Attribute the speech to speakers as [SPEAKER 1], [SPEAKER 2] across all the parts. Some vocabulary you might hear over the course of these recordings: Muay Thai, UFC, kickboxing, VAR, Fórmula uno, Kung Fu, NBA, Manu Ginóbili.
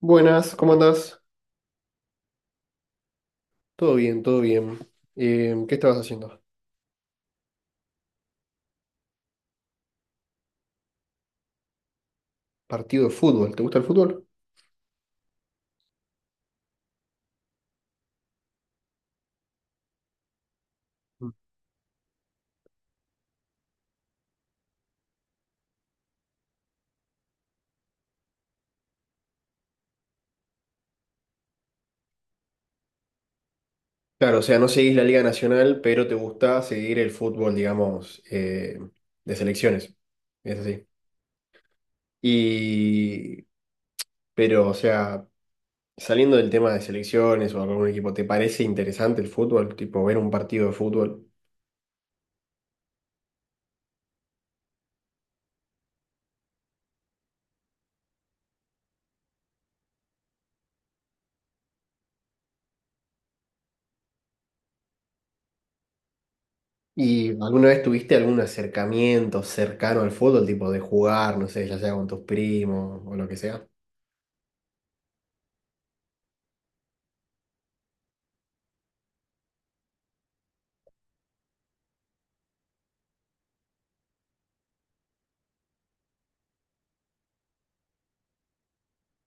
[SPEAKER 1] Buenas, ¿cómo andás? Todo bien, todo bien. ¿Qué estabas haciendo? Partido de fútbol, ¿te gusta el fútbol? Claro, o sea, no seguís la Liga Nacional, pero te gusta seguir el fútbol, digamos, de selecciones. Es así. Y, o sea, saliendo del tema de selecciones o algún equipo, ¿te parece interesante el fútbol? Tipo, ver un partido de fútbol. ¿Y alguna vez tuviste algún acercamiento cercano al fútbol, tipo de jugar, no sé, ya sea con tus primos o lo que sea?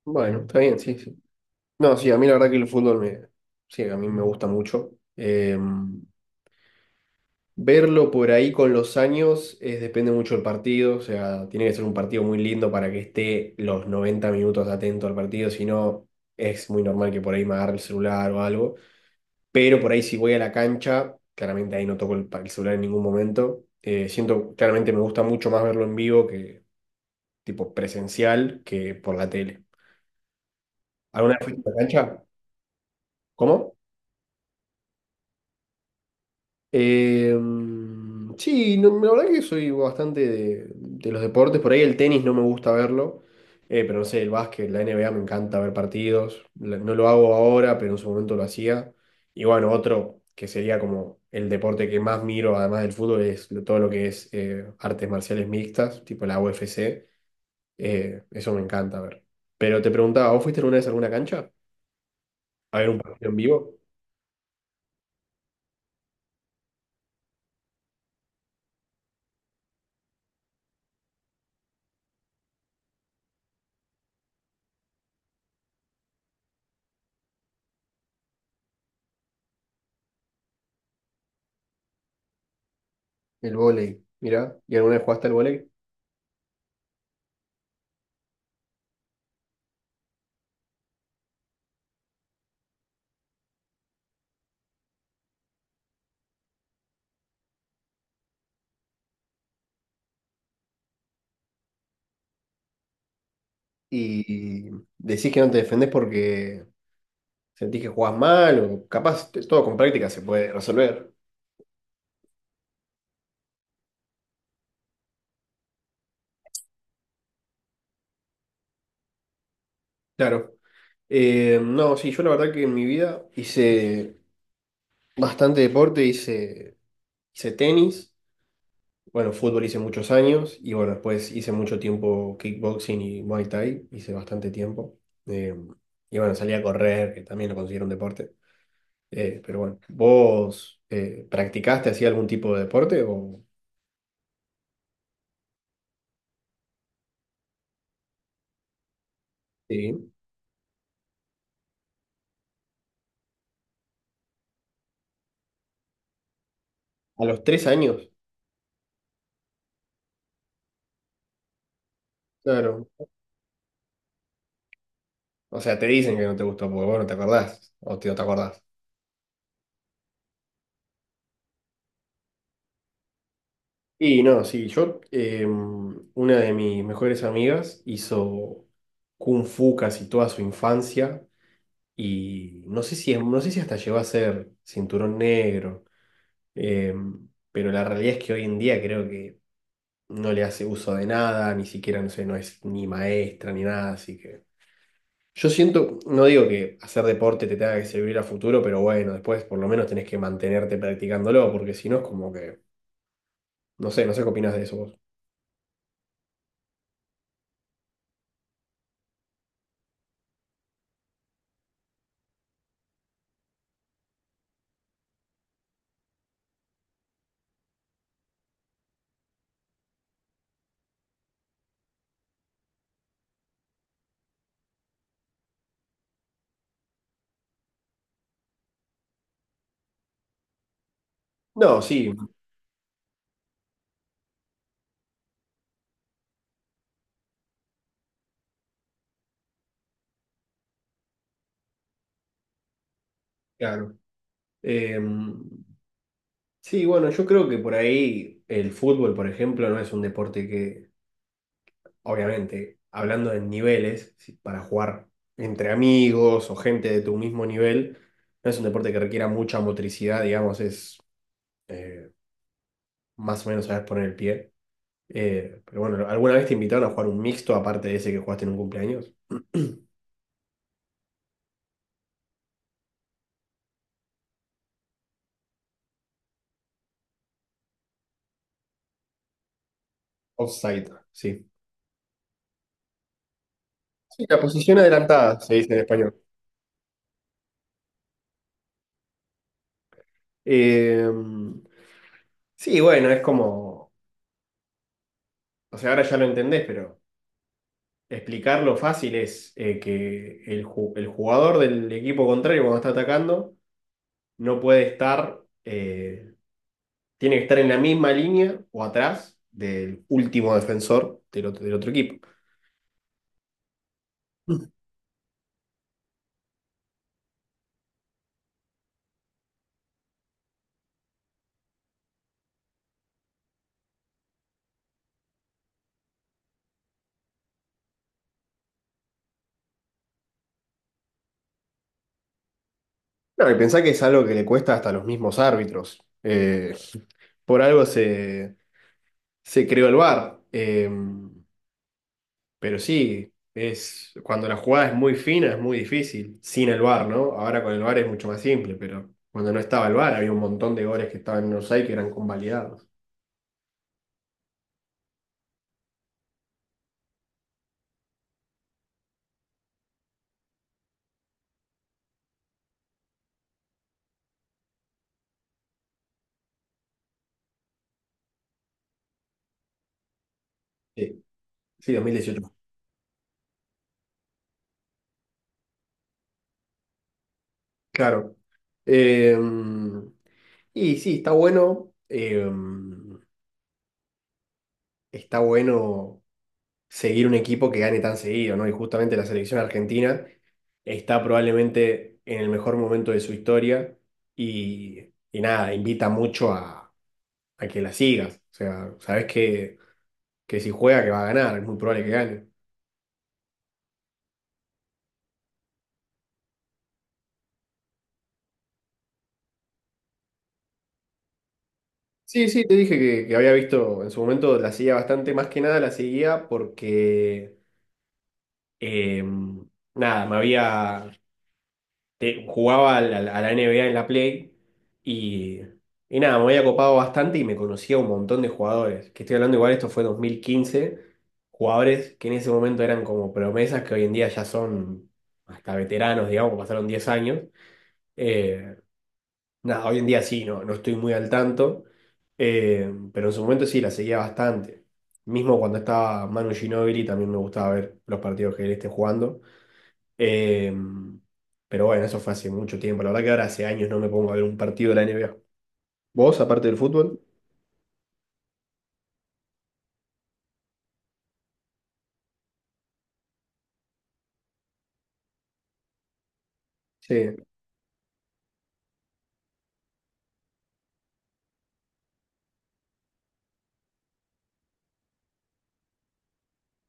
[SPEAKER 1] Bueno, está bien, sí, sí. No, sí, a mí la verdad que el sí, a mí me gusta mucho. Verlo por ahí con los años es, depende mucho del partido, o sea, tiene que ser un partido muy lindo para que esté los 90 minutos atento al partido, si no es muy normal que por ahí me agarre el celular o algo. Pero por ahí si voy a la cancha, claramente ahí no toco el, el celular en ningún momento. Siento, claramente me gusta mucho más verlo en vivo, que tipo presencial, que por la tele. ¿Alguna vez fuiste a la cancha? ¿Cómo? Sí, la verdad que soy bastante de los deportes. Por ahí el tenis no me gusta verlo, pero no sé, el básquet, la NBA me encanta ver partidos. No lo hago ahora, pero en su momento lo hacía. Y bueno, otro que sería como el deporte que más miro, además del fútbol, es todo lo que es artes marciales mixtas, tipo la UFC. Eso me encanta ver. Pero te preguntaba, ¿vos fuiste alguna vez a alguna cancha? ¿A ver un partido en vivo? El vóley, mira. ¿Y alguna vez jugaste al vóley? Y decís que no te defendés porque sentís que jugás mal, o capaz todo con práctica se puede resolver. Claro. No, sí, yo la verdad que en mi vida hice bastante hice tenis, bueno, fútbol hice muchos años y bueno, después hice mucho tiempo kickboxing y Muay Thai, hice bastante tiempo. Eh, y bueno, salí a correr, que también lo considero un deporte. Pero bueno, ¿vos practicaste así algún tipo de deporte o sí? A los 3 años. Claro. O sea, te dicen que no te gustó porque vos no te acordás. No te acordás. Y no, sí, yo, una de mis mejores amigas hizo Kung Fu casi toda su infancia. Y no sé si hasta llegó a ser cinturón negro. eh, pero la realidad es que hoy en día creo que no le hace uso de nada, ni siquiera, no sé, no es ni maestra ni nada, así que. Yo siento, no digo que hacer deporte te tenga que servir a futuro, pero bueno, después por lo menos tenés que mantenerte practicándolo, porque si no es como que, no sé, no sé qué opinás de eso vos. No, sí, claro. Eh, sí, bueno, yo creo que por ahí el fútbol, por ejemplo, no es un deporte que, obviamente, hablando de niveles, para jugar entre amigos o gente de tu mismo nivel, no es un deporte que requiera mucha motricidad, digamos, es eh, más o menos saber poner el pie. Pero bueno, ¿alguna vez te invitaron a jugar un mixto aparte de ese que jugaste en un cumpleaños? Offside, sí. Sí, la posición adelantada, se dice en español. Eh, sí, bueno, es como, o sea, ahora ya lo entendés, pero explicarlo fácil es que el jugador del equipo contrario cuando está atacando no puede estar, tiene que estar en la misma línea o atrás del último defensor del otro equipo. No, y pensá que es algo que le cuesta hasta a los mismos árbitros. Por algo se creó el VAR. Pero sí, es, cuando la jugada es muy fina es muy difícil, sin el VAR, ¿no? Ahora con el VAR es mucho más simple, pero cuando no estaba el VAR había un montón de goles que estaban en offside que eran convalidados. Sí, sí, 2018. Claro. Eh, y sí, está bueno. Está bueno seguir un equipo que gane tan seguido, ¿no? Y justamente la selección argentina está probablemente en el mejor momento de su historia y, y nada, invita mucho a que la sigas. O sea, sabes que si juega que va a ganar, es muy probable que gane. Sí, sí, te dije que había visto en su momento, la seguía bastante, más que nada la seguía porque, eh, nada, jugaba a la NBA en la Play y, y nada, me había copado bastante y me conocía un montón de jugadores. Que estoy hablando igual, esto fue 2015, jugadores que en ese momento eran como promesas que hoy en día ya son hasta veteranos, digamos, pasaron 10 años. Eh, Nada, hoy en día sí, no, no estoy muy al tanto, pero en su momento sí, la seguía bastante. Mismo cuando estaba Manu Ginóbili también me gustaba ver los partidos que él esté jugando. Eh, pero bueno, eso fue hace mucho tiempo. La verdad que ahora hace años no me pongo a ver un partido de la NBA. ¿Vos, aparte del fútbol? Sí.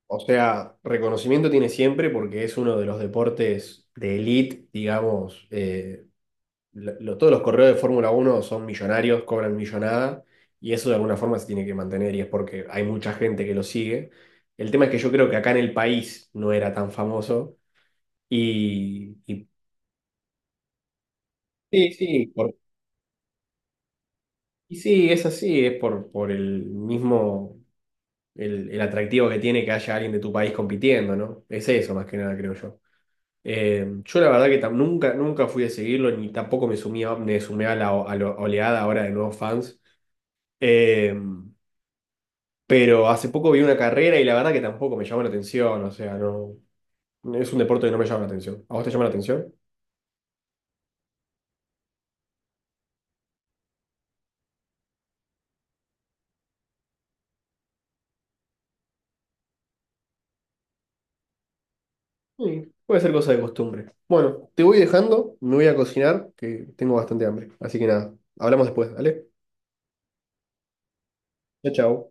[SPEAKER 1] O sea, reconocimiento tiene siempre porque es uno de los deportes de elite, digamos. Todos los correos de Fórmula uno son millonarios, cobran millonada y eso de alguna forma se tiene que mantener y es porque hay mucha gente que lo sigue. El tema es que yo creo que acá en el país no era tan famoso y... y- Sí, sí. Y sí, es así, es por el el atractivo que tiene que haya alguien de tu país compitiendo, ¿no? Es eso más que nada, creo yo. Yo la verdad que nunca, nunca fui a seguirlo, ni tampoco me sumé a la, a la oleada ahora de nuevos fans. Eh, pero hace poco vi una carrera y la verdad que tampoco me llamó la atención, o sea, no, es un deporte que no me llama la atención. ¿A vos te llama la atención? Sí, puede ser cosa de costumbre. Bueno, te voy dejando, me voy a cocinar, que tengo bastante hambre. Así que nada, hablamos después, ¿vale? Chao, chao.